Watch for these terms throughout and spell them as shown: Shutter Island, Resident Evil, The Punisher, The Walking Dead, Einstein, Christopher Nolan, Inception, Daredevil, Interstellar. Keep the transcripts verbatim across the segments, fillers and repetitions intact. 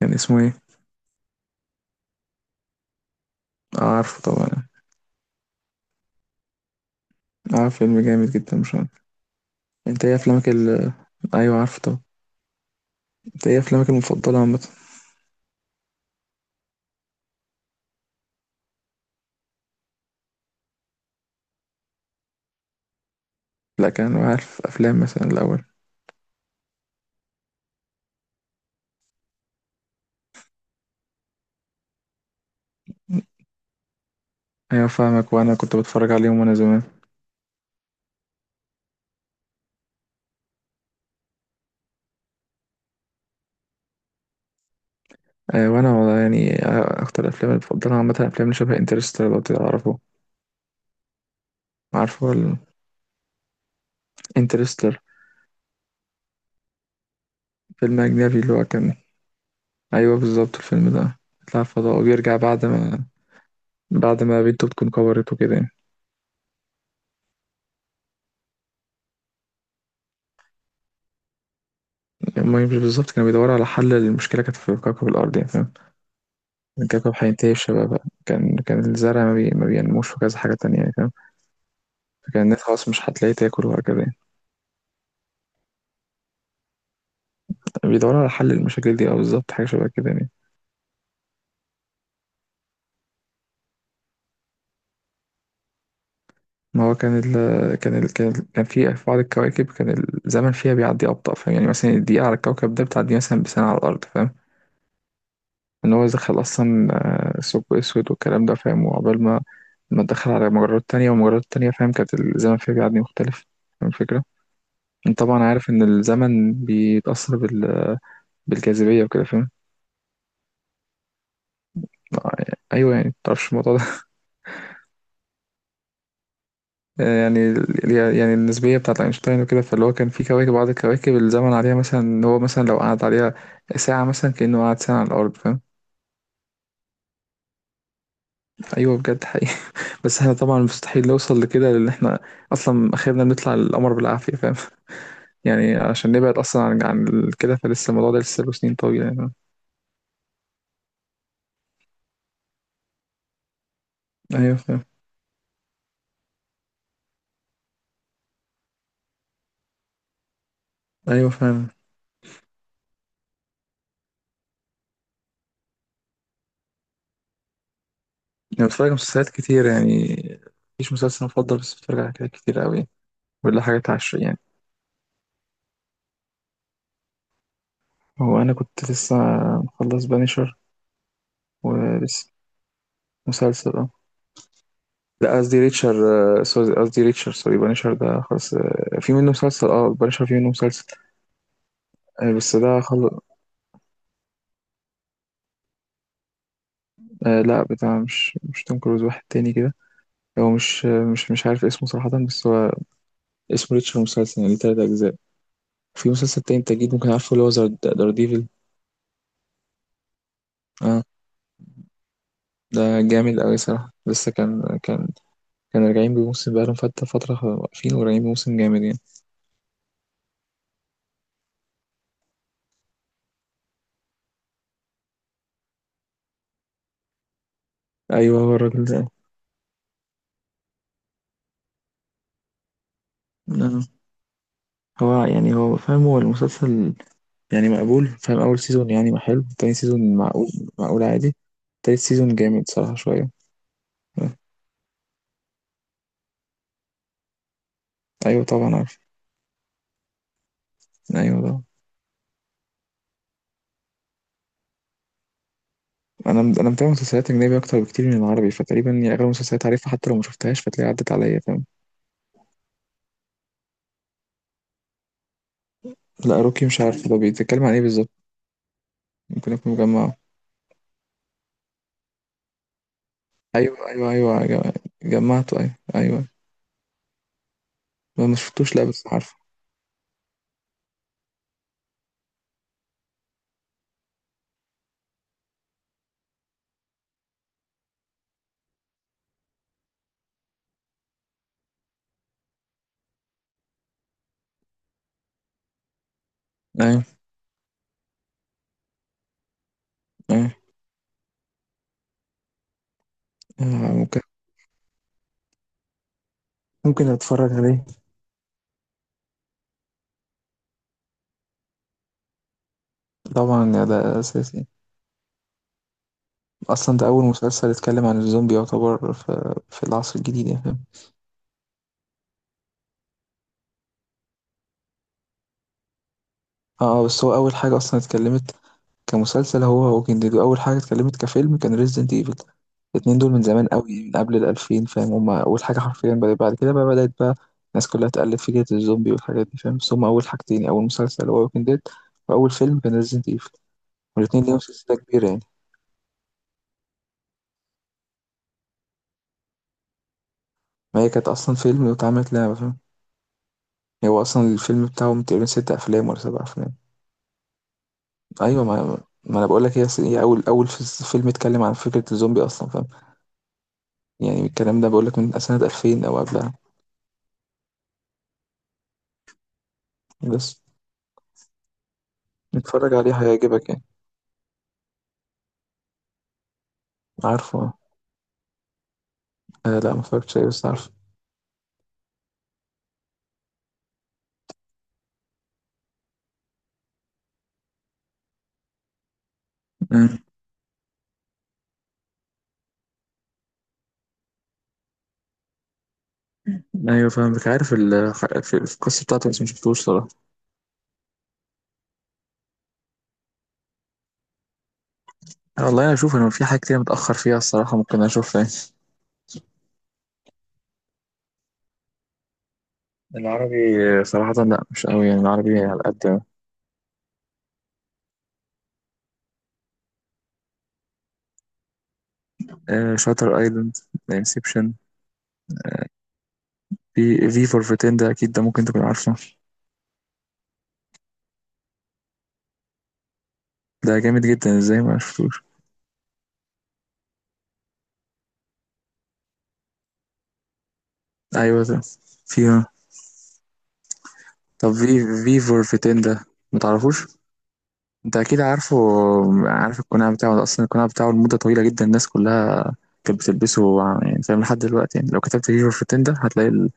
كان اسمه ايه؟ آه عارفه طبعا. عارف فيلم جامد جدا مش عارف. انت ايه افلامك ال ايوه عارفه طبعا. انت ايه افلامك المفضله عامه؟ لا، كان عارف افلام مثلا الاول. ايوه فاهمك، وانا كنت بتفرج عليهم وانا زمان. آه وانا والله يعني، آه، اكتر افلام المفضله عامه افلام اللي شبه انترستر لو تعرفه. عارفه انترستر، فيلم اجنبي اللي هو كان. ايوه بالظبط، الفيلم ده بيطلع الفضاء وبيرجع بعد ما، بعد ما بنته بتكون كبرت وكده يعني. المهم مش بالظبط، كانوا بيدوروا على حل للمشكله كانت في كوكب الارض يعني. الكوكب هينتهي في شبابها. كان كان الزرع ما, بي... ما بينموش في كذا حاجة تانية يعني، فاهم؟ فكان الناس خلاص مش هتلاقي تاكل وهكذا يعني. بيدوروا على حل المشاكل دي أو بالظبط حاجة شبه كده يعني. ما هو كان ال... كان ال... كان ال... كان في في بعض الكواكب، كان الزمن فيها بيعدي أبطأ، فاهم؟ يعني مثلا الدقيقة على الكوكب ده بتعدي مثلا بسنة على الأرض، فاهم؟ إن هو دخل أصلا آه، ثقب أسود والكلام ده، فاهم؟ وعقبال ما ما دخل على مجرات تانية ومجرات تانية فاهم، كانت الزمن فيها بيعدي مختلف. فاهم الفكرة؟ أنت طبعا عارف إن الزمن بيتأثر بال... بالجاذبية وكده فاهم. آه، ايوه يعني متعرفش الموضوع ده يعني ال- يعني النسبيه بتاعت اينشتاين وكده، فاللي هو كان في كواكب بعض الكواكب الزمن عليها مثلا ان هو مثلا لو قعد عليها ساعه مثلا كانه قعد ساعه على الارض فاهم. ايوه بجد حقيقي. بس احنا طبعا مستحيل نوصل لكده لان احنا اصلا اخرنا بنطلع القمر بالعافيه فاهم. يعني عشان نبعد اصلا عن عن ال- كده، فلسه الموضوع ده لسه له سنين طويله يعني. ايوه فاهم. ايوه فاهم. يعني بتفرج على مسلسلات كتير يعني، مفيش مسلسل مفضل بس بتفرج على حاجات كتير قوي، ولا حاجات عشرية. هو انا كنت لسه مخلص بانيشر، ولسه مسلسل اه. لا، قصدي ريتشر. آه، سوري قصدي ريتشر، سوري بانيشر ده خلاص، آه، في منه مسلسل اه، بانيشر في منه مسلسل. آه، بس ده خلص. آه لا، بتاع مش مش توم كروز، واحد تاني كده. هو مش، آه، مش مش عارف اسمه صراحة، بس هو اسمه ريتشر، مسلسل يعني ليه تلات أجزاء. في مسلسل تاني انت أكيد ممكن عارفه اللي هو دار ديفل. اه، ده جامد أوي صراحة، لسه كان كان كان راجعين بموسم، بقالهم فترة فترة واقفين وراجعين بموسم جامد يعني. أيوه هو الراجل ده. آه. هو يعني هو فاهم، هو المسلسل يعني مقبول، فاهم، أول سيزون يعني ما حلو، تاني سيزون معقول، معقول عادي. تالت سيزون جامد صراحة شوية. أيوة طبعا عارف. أيوة طبعا. أنا أنا متابع مسلسلات أجنبي أكتر بكتير من العربي، فتقريبا يعني أغلب المسلسلات عارفها حتى لو ما شفتهاش فتلاقي عدت عليا فاهم. لا، روكي مش عارف، ده بيتكلم عن إيه بالظبط؟ ممكن أكون مجمعه. أيوة أيوة أيوة، جم- جمعته، أيوة أيوة. ما ما شفتوش، لا بس عارفه. أيوة أيوة، آه، ممكن ممكن أتفرج عليه. طبعا ده أساسي. اصلا ده اول مسلسل اتكلم عن الزومبي يعتبر في، في العصر الجديد يعني فاهم. اه، آه، بس هو اول حاجه اصلا اتكلمت كمسلسل هو ووكينج ديد، اول حاجه اتكلمت كفيلم كان ريزيدنت ايفل. الاتنين دول من زمان قوي، من قبل الألفين فاهم، هما أول حاجة حرفيا بدأت، بعد كده بقى بدأت بقى الناس كلها تقلد فكرة الزومبي والحاجات دي فاهم، بس هما أول حاجتين يعني، أول مسلسل هو ووكينج ديد، وأول فيلم كان ريزيدنت ايفل. والاتنين ليهم سلسلة كبيرة يعني. ما هي كانت أصلا فيلم واتعملت لعبة فاهم. هو أصلا الفيلم بتاعهم تقريبا ست أفلام ولا سبع أفلام. ايوه، ما, ما انا بقول لك هي أصل هي اول اول فيس- فيلم اتكلم عن فكره الزومبي اصلا فاهم. يعني الكلام ده بقول لك من سنه ألفين او قبلها. بس اتفرج عليه هيعجبك يعني. عارفه. آه لا، ما اتفرجتش عليه بس عارفه. مم. ايوه فاهمك، عارف ال- ح- في في القصه بتاعته بس ما شفتوش صراحه. آه، والله انا اشوف، انا في حاجات كتير متاخر فيها الصراحه، ممكن اشوفها. يعني العربي صراحه لا مش قوي، يعني العربي على قد. آه، شاتر ايلاند، انسبشن، في في فور فيتين ده اكيد ده ممكن تكون عارفه. ده جامد جدا، ازاي ما شفتوش؟ ايوه ده فيها. طب في في فور فيتين ده، متعرفوش؟ انت اكيد عارفه. عارف القناع بتاعه ده، اصلا القناع بتاعه لمده طويله جدا الناس كلها كانت بتلبسه يعني فاهم لحد دلوقتي يعني، لو كتبت في فور فيتين ده هتلاقي ال...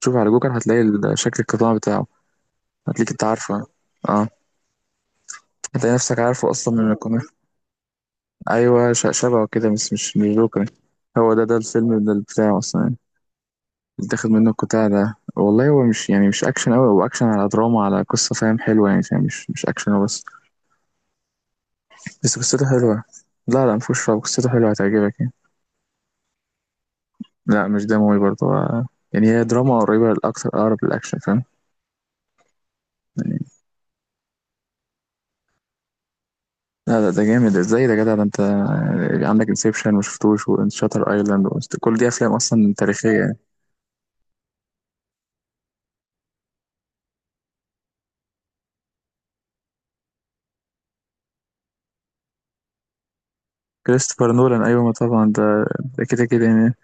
تشوف على جوجل هتلاقي ال- شكل القناع بتاعه. هتلاقيك انت عارفه، اه، هتلاقي نفسك عارفه اصلا من القناع. ايوه، ش- شبهه كده بس مش مش جوكر. هو ده ده الفيلم ده بتاعه اصلا يعني. اللي اتاخد منه القطاع ده، والله هو مش يعني مش اكشن قوي، هو اكشن على دراما على قصه فاهم، حلوه يعني فاهم، مش مش اكشن هو بس. بس قصته حلوة. لا لا، مفهوش رعب، قصته حلوة هتعجبك يعني. لا، مش ده موي برضه، هو- يعني هي دراما قريبة الأكتر أقرب للأكشن فاهم. يعني لا لا، ده جامد ازاي ده يا جدع، ده انت عندك انسبشن وشفتوش وشاتر ايلاند، كل دي افلام اصلا تاريخية يعني. كريستوفر نولان، ايوه ما طبعا ده، ده كده كده يعني.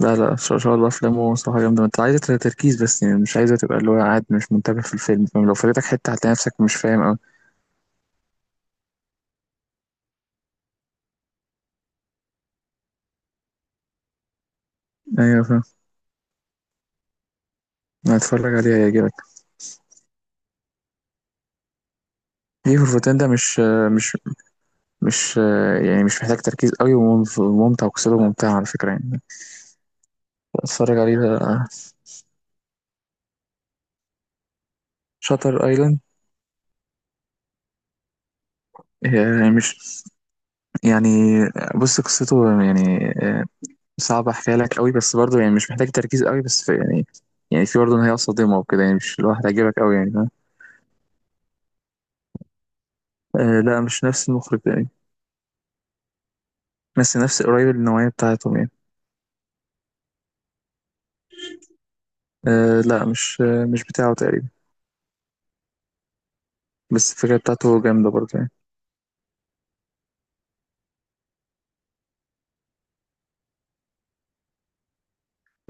لا لا، ان شاء إن شاء الله افلامه صراحة جامدة، ما انت عايزة تركيز، بس يعني مش عايزة تبقى اللي هو قاعد مش منتبه في الفيلم فاهم، لو فاتتك حتة هتلاقي نفسك مش فاهم اوي. ايوه فاهم، هتفرج عليها هيعجبك. في فورفتين ده مش مش مش يعني مش محتاج تركيز قوي، وممف- وممتع، وقصته ممتعة على فكرة يعني. اتفرج عليه ده. شاتر ايلاند، هي مش يعني، بص قصته يعني، آه، صعب احكيها لك قوي بس برضه يعني مش محتاج تركيز قوي، بس في يعني، يعني في برضه نهاية صادمة وكده يعني، مش اللي هو هتعجبك قوي يعني فاهم؟ آه لا، مش نفس المخرج يعني، بس نفس قريب النوعية بتاعتهم يعني. آه لا مش، آه مش بتاعه تقريبا. بس الفكرة بتاعته جامدة برضه يعني.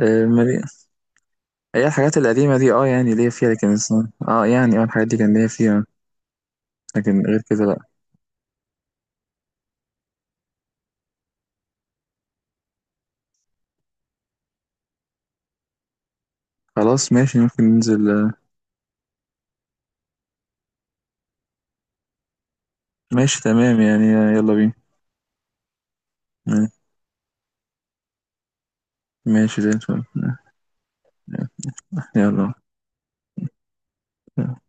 آه مليئة. هي الحاجات القديمة دي اه يعني ليا فيها، لكن الص- اه يعني اه الحاجات دي كان ليا فيها، لكن غير كده لأ. خلاص ماشي ممكن ننزل، آه، ماشي تمام يعني، آه، يلا بينا. آه، ماشي زي الفل، آه، آه، يلا. آه.